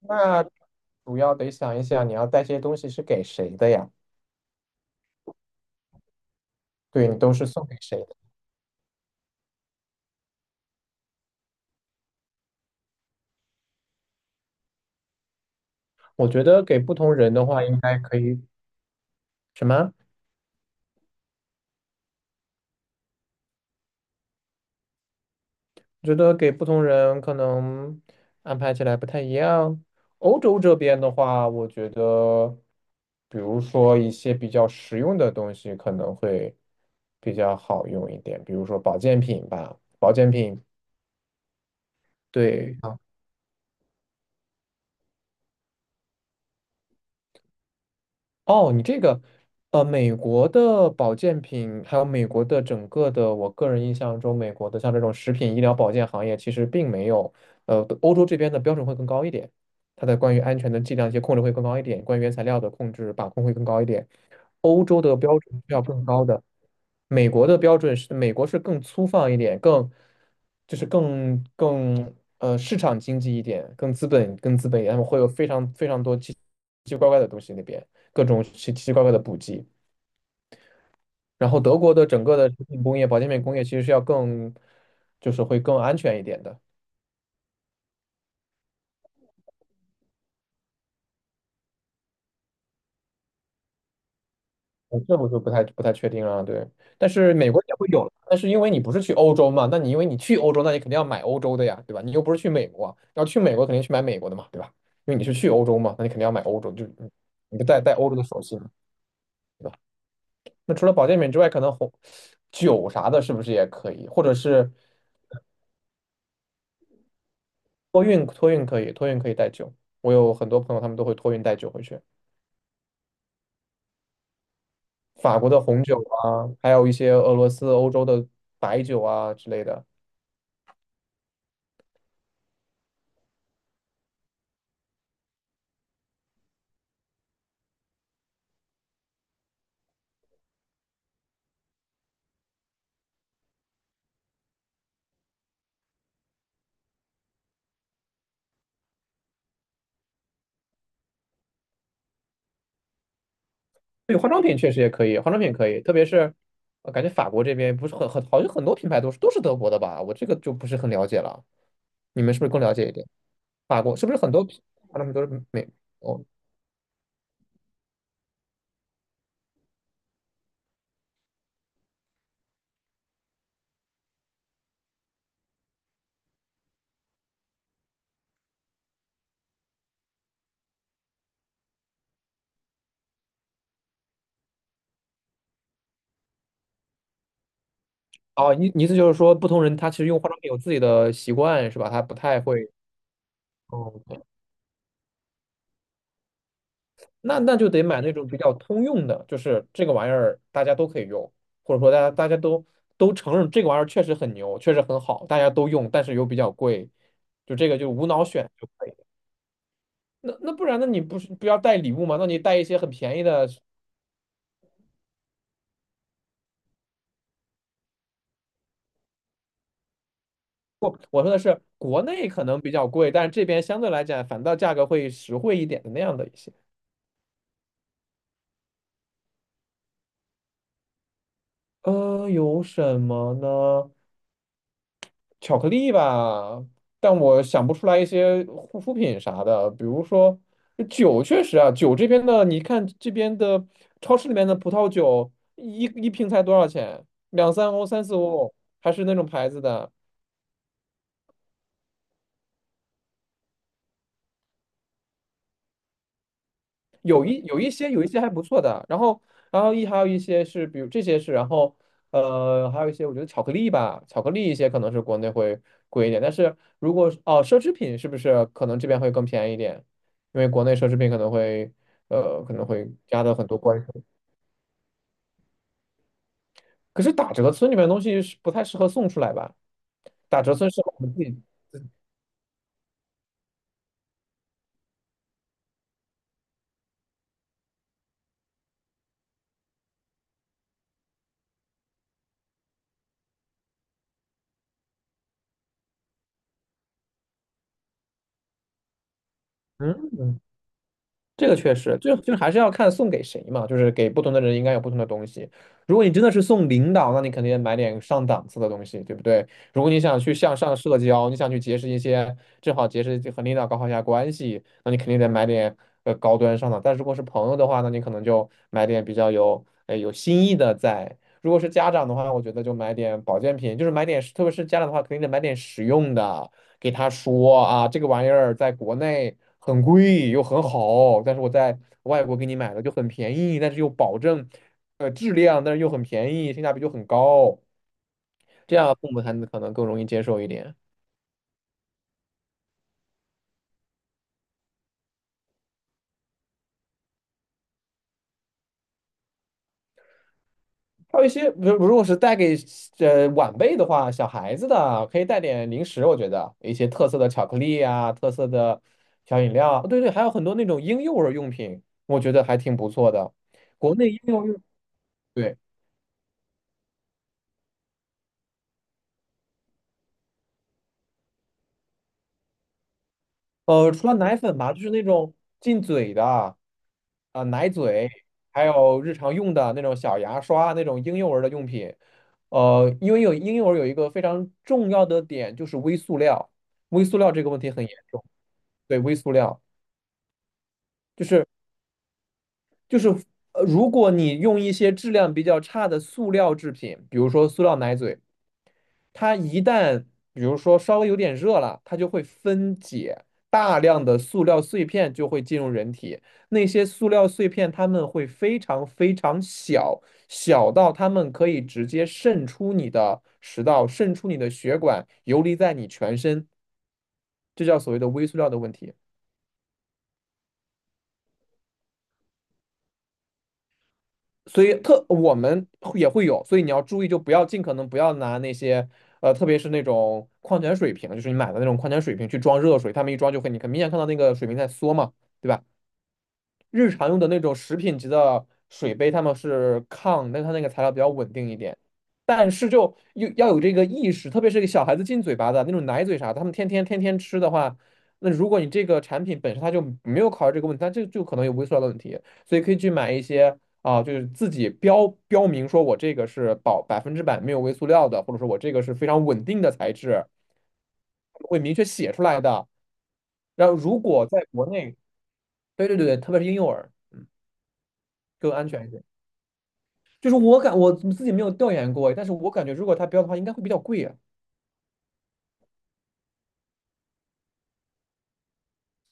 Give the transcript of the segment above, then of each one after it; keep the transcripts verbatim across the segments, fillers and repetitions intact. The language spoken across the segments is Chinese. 那主要得想一想，你要带这些东西是给谁的呀？对，你都是送给谁的？我觉得给不同人的话，应该可以什么？我觉得给不同人可能安排起来不太一样。欧洲这边的话，我觉得，比如说一些比较实用的东西可能会比较好用一点，比如说保健品吧，保健品，对。哦，你这个，呃，美国的保健品，还有美国的整个的，我个人印象中，美国的像这种食品医疗保健行业，其实并没有，呃，欧洲这边的标准会更高一点，它的关于安全的剂量一些控制会更高一点，关于原材料的控制把控会更高一点，欧洲的标准是要更高的。美国的标准是，美国是更粗放一点，更就是更更呃市场经济一点，更资本更资本一点，他们会有非常非常多奇奇怪怪的东西那边，各种奇奇奇怪怪的补剂。然后德国的整个的食品工业、保健品工业其实是要更就是会更安全一点的。哦这我就不太不太确定了，对。但是美国也会有，但是因为你不是去欧洲嘛，那你因为你去欧洲，那你肯定要买欧洲的呀，对吧？你又不是去美国，要去美国肯定去买美国的嘛，对吧？因为你是去欧洲嘛，那你肯定要买欧洲，就嗯你就带带欧洲的手信嘛，对吧？那除了保健品之外，可能红酒啥的，是不是也可以？或者是托运，托运可以，托运可以带酒。我有很多朋友，他们都会托运带酒回去，法国的红酒啊，还有一些俄罗斯、欧洲的白酒啊之类的。对，化妆品确实也可以，化妆品可以，特别是呃感觉法国这边不是很很好像很多品牌都是都是德国的吧？我这个就不是很了解了，你们是不是更了解一点？法国是不是很多品化妆品都是美？哦哦，你你意思就是说，不同人他其实用化妆品有自己的习惯是吧？他不太会哦，对那那就得买那种比较通用的，就是这个玩意儿大家都可以用，或者说大家大家都都承认这个玩意儿确实很牛，确实很好，大家都用，但是又比较贵，就这个就无脑选就可以。那那不然，那你不是不要带礼物吗？那你带一些很便宜的。不，我说的是国内可能比较贵，但是这边相对来讲反倒价格会实惠一点的那样的一些。呃，有什么呢？巧克力吧，但我想不出来一些护肤品啥的。比如说酒，确实啊，酒这边的，你看这边的超市里面的葡萄酒，一一瓶才多少钱？两三欧、三四欧，还是那种牌子的。有一有一些有一些还不错的，然后然后一还有一些是，比如这些是，然后呃还有一些我觉得巧克力吧，巧克力一些可能是国内会贵一点，但是如果是哦奢侈品是不是可能这边会更便宜一点？因为国内奢侈品可能会呃可能会加的很多关税，可是打折村里面的东西是不太适合送出来吧？打折村适合我们自己，嗯这个确实，就就是还是要看送给谁嘛，就是给不同的人应该有不同的东西。如果你真的是送领导，那你肯定买点上档次的东西，对不对？如果你想去向上社交，你想去结识一些，正好结识和领导搞好一下关系，那你肯定得买点呃高端上档。但如果是朋友的话，那你可能就买点比较有呃有新意的在。如果是家长的话，我觉得就买点保健品，就是买点，特别是家长的话，肯定得买点实用的。给他说啊，这个玩意儿在国内很贵又很好，但是我在外国给你买的就很便宜，但是又保证呃质量，但是又很便宜，性价比就很高，这样父母才能可能更容易接受一点。还有一些，如如果是带给呃晚辈的话，小孩子的可以带点零食，我觉得一些特色的巧克力啊，特色的小饮料啊对对，还有很多那种婴幼儿用品，我觉得还挺不错的。国内婴幼儿用。对。呃，除了奶粉吧，就是那种进嘴的，啊、奶嘴，还有日常用的那种小牙刷，那种婴幼儿的用品。呃，因为有婴幼儿有一个非常重要的点，就是微塑料，微塑料这个问题很严重。对，微塑料就是呃，如果你用一些质量比较差的塑料制品，比如说塑料奶嘴，它一旦比如说稍微有点热了，它就会分解，大量的塑料碎片就会进入人体。那些塑料碎片它们会非常非常小，小到它们可以直接渗出你的食道，渗出你的血管，游离在你全身，这叫所谓的微塑料的问题。所以特我们也会有，所以你要注意，就不要尽可能不要拿那些呃，特别是那种矿泉水瓶，就是你买的那种矿泉水瓶去装热水，他们一装就会，你很明显看到那个水瓶在缩嘛，对吧？日常用的那种食品级的水杯，他们是抗，但它那个材料比较稳定一点。但是就有要有这个意识，特别是给小孩子进嘴巴的那种奶嘴啥的，他们天天天天吃的话，那如果你这个产品本身它就没有考虑这个问题，它就就可能有微塑料的问题。所以可以去买一些啊、就是自己标标明说我这个是保百分之百没有微塑料的，或者说我这个是非常稳定的材质，会明确写出来的。然后如果在国内，对对对对，特别是婴幼儿。更安全一点。就是我感我自己没有调研过，但是我感觉如果它标的话，应该会比较贵啊。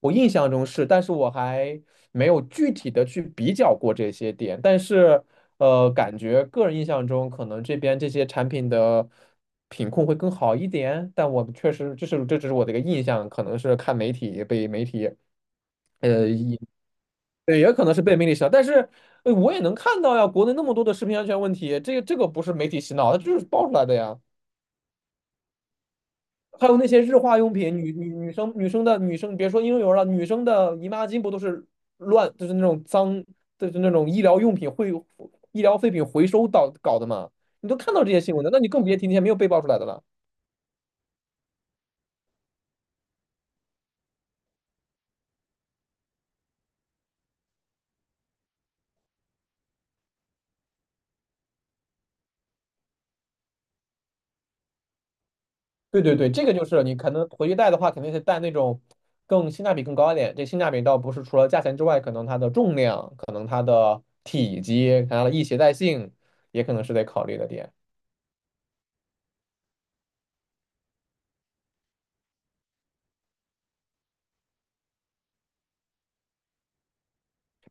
我印象中是，但是我还没有具体的去比较过这些点。但是，呃，感觉个人印象中，可能这边这些产品的品控会更好一点。但我确实，这是这只是我的一个印象，可能是看媒体被媒体，呃，也对也可能是被媒体洗脑。但是，呃我也能看到呀，国内那么多的食品安全问题，这个这个不是媒体洗脑，它就是爆出来的呀。还有那些日化用品，女女女生女生的女生，别说婴幼儿了，女生的姨妈巾不都是乱，就是那种脏，就是那种医疗用品会医疗废品回收到搞的嘛？你都看到这些新闻的，那你更别提那些没有被爆出来的了。对对对，这个就是你可能回去带的话，肯定是带那种更性价比更高一点。这性价比倒不是除了价钱之外，可能它的重量，可能它的体积，可能它的易携带性，也可能是得考虑的点。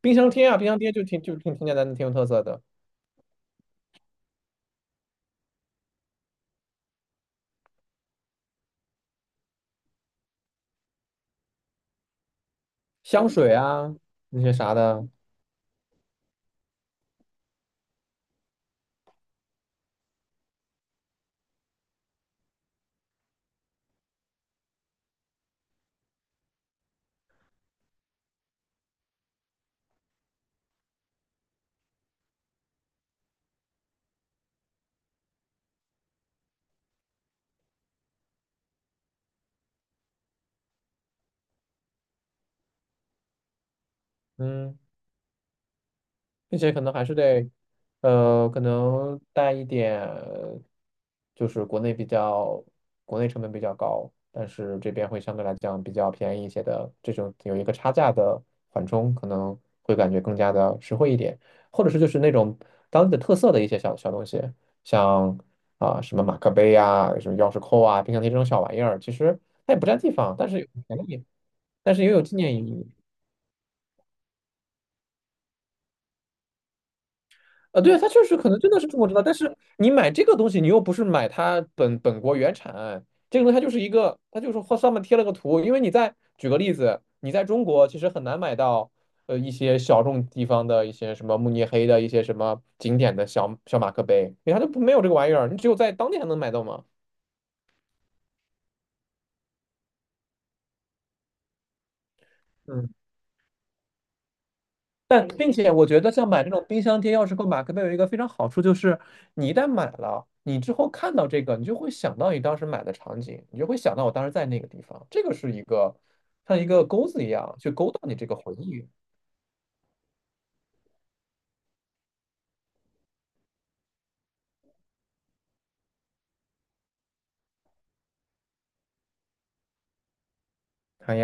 冰箱贴啊，冰箱贴就挺就挺挺简单的，挺有特色的。香水啊那些啥的，嗯，并且可能还是得，呃，可能带一点，就是国内比较，国内成本比较高，但是这边会相对来讲比较便宜一些的，这种有一个差价的缓冲，可能会感觉更加的实惠一点，或者是就是那种当地的特色的一些小小东西，像啊、什么马克杯啊，什么钥匙扣啊，冰箱贴这种小玩意儿，其实它也不占地方，但是有便宜。但是也有纪念意义。啊，对啊，它确实可能真的是中国制造，但是你买这个东西，你又不是买它本本国原产，这个东西它就是一个，它就是后上面贴了个图。因为你在举个例子，你在中国其实很难买到呃一些小众地方的一些什么慕尼黑的一些什么景点的小小马克杯，因为它就不没有这个玩意儿，你只有在当地才能买到嘛。嗯。但并且我觉得像买这种冰箱贴、钥匙扣、马克杯有一个非常好处，就是你一旦买了，你之后看到这个，你就会想到你当时买的场景，你就会想到我当时在那个地方，这个是一个像一个钩子一样去勾到你这个回忆。好呀。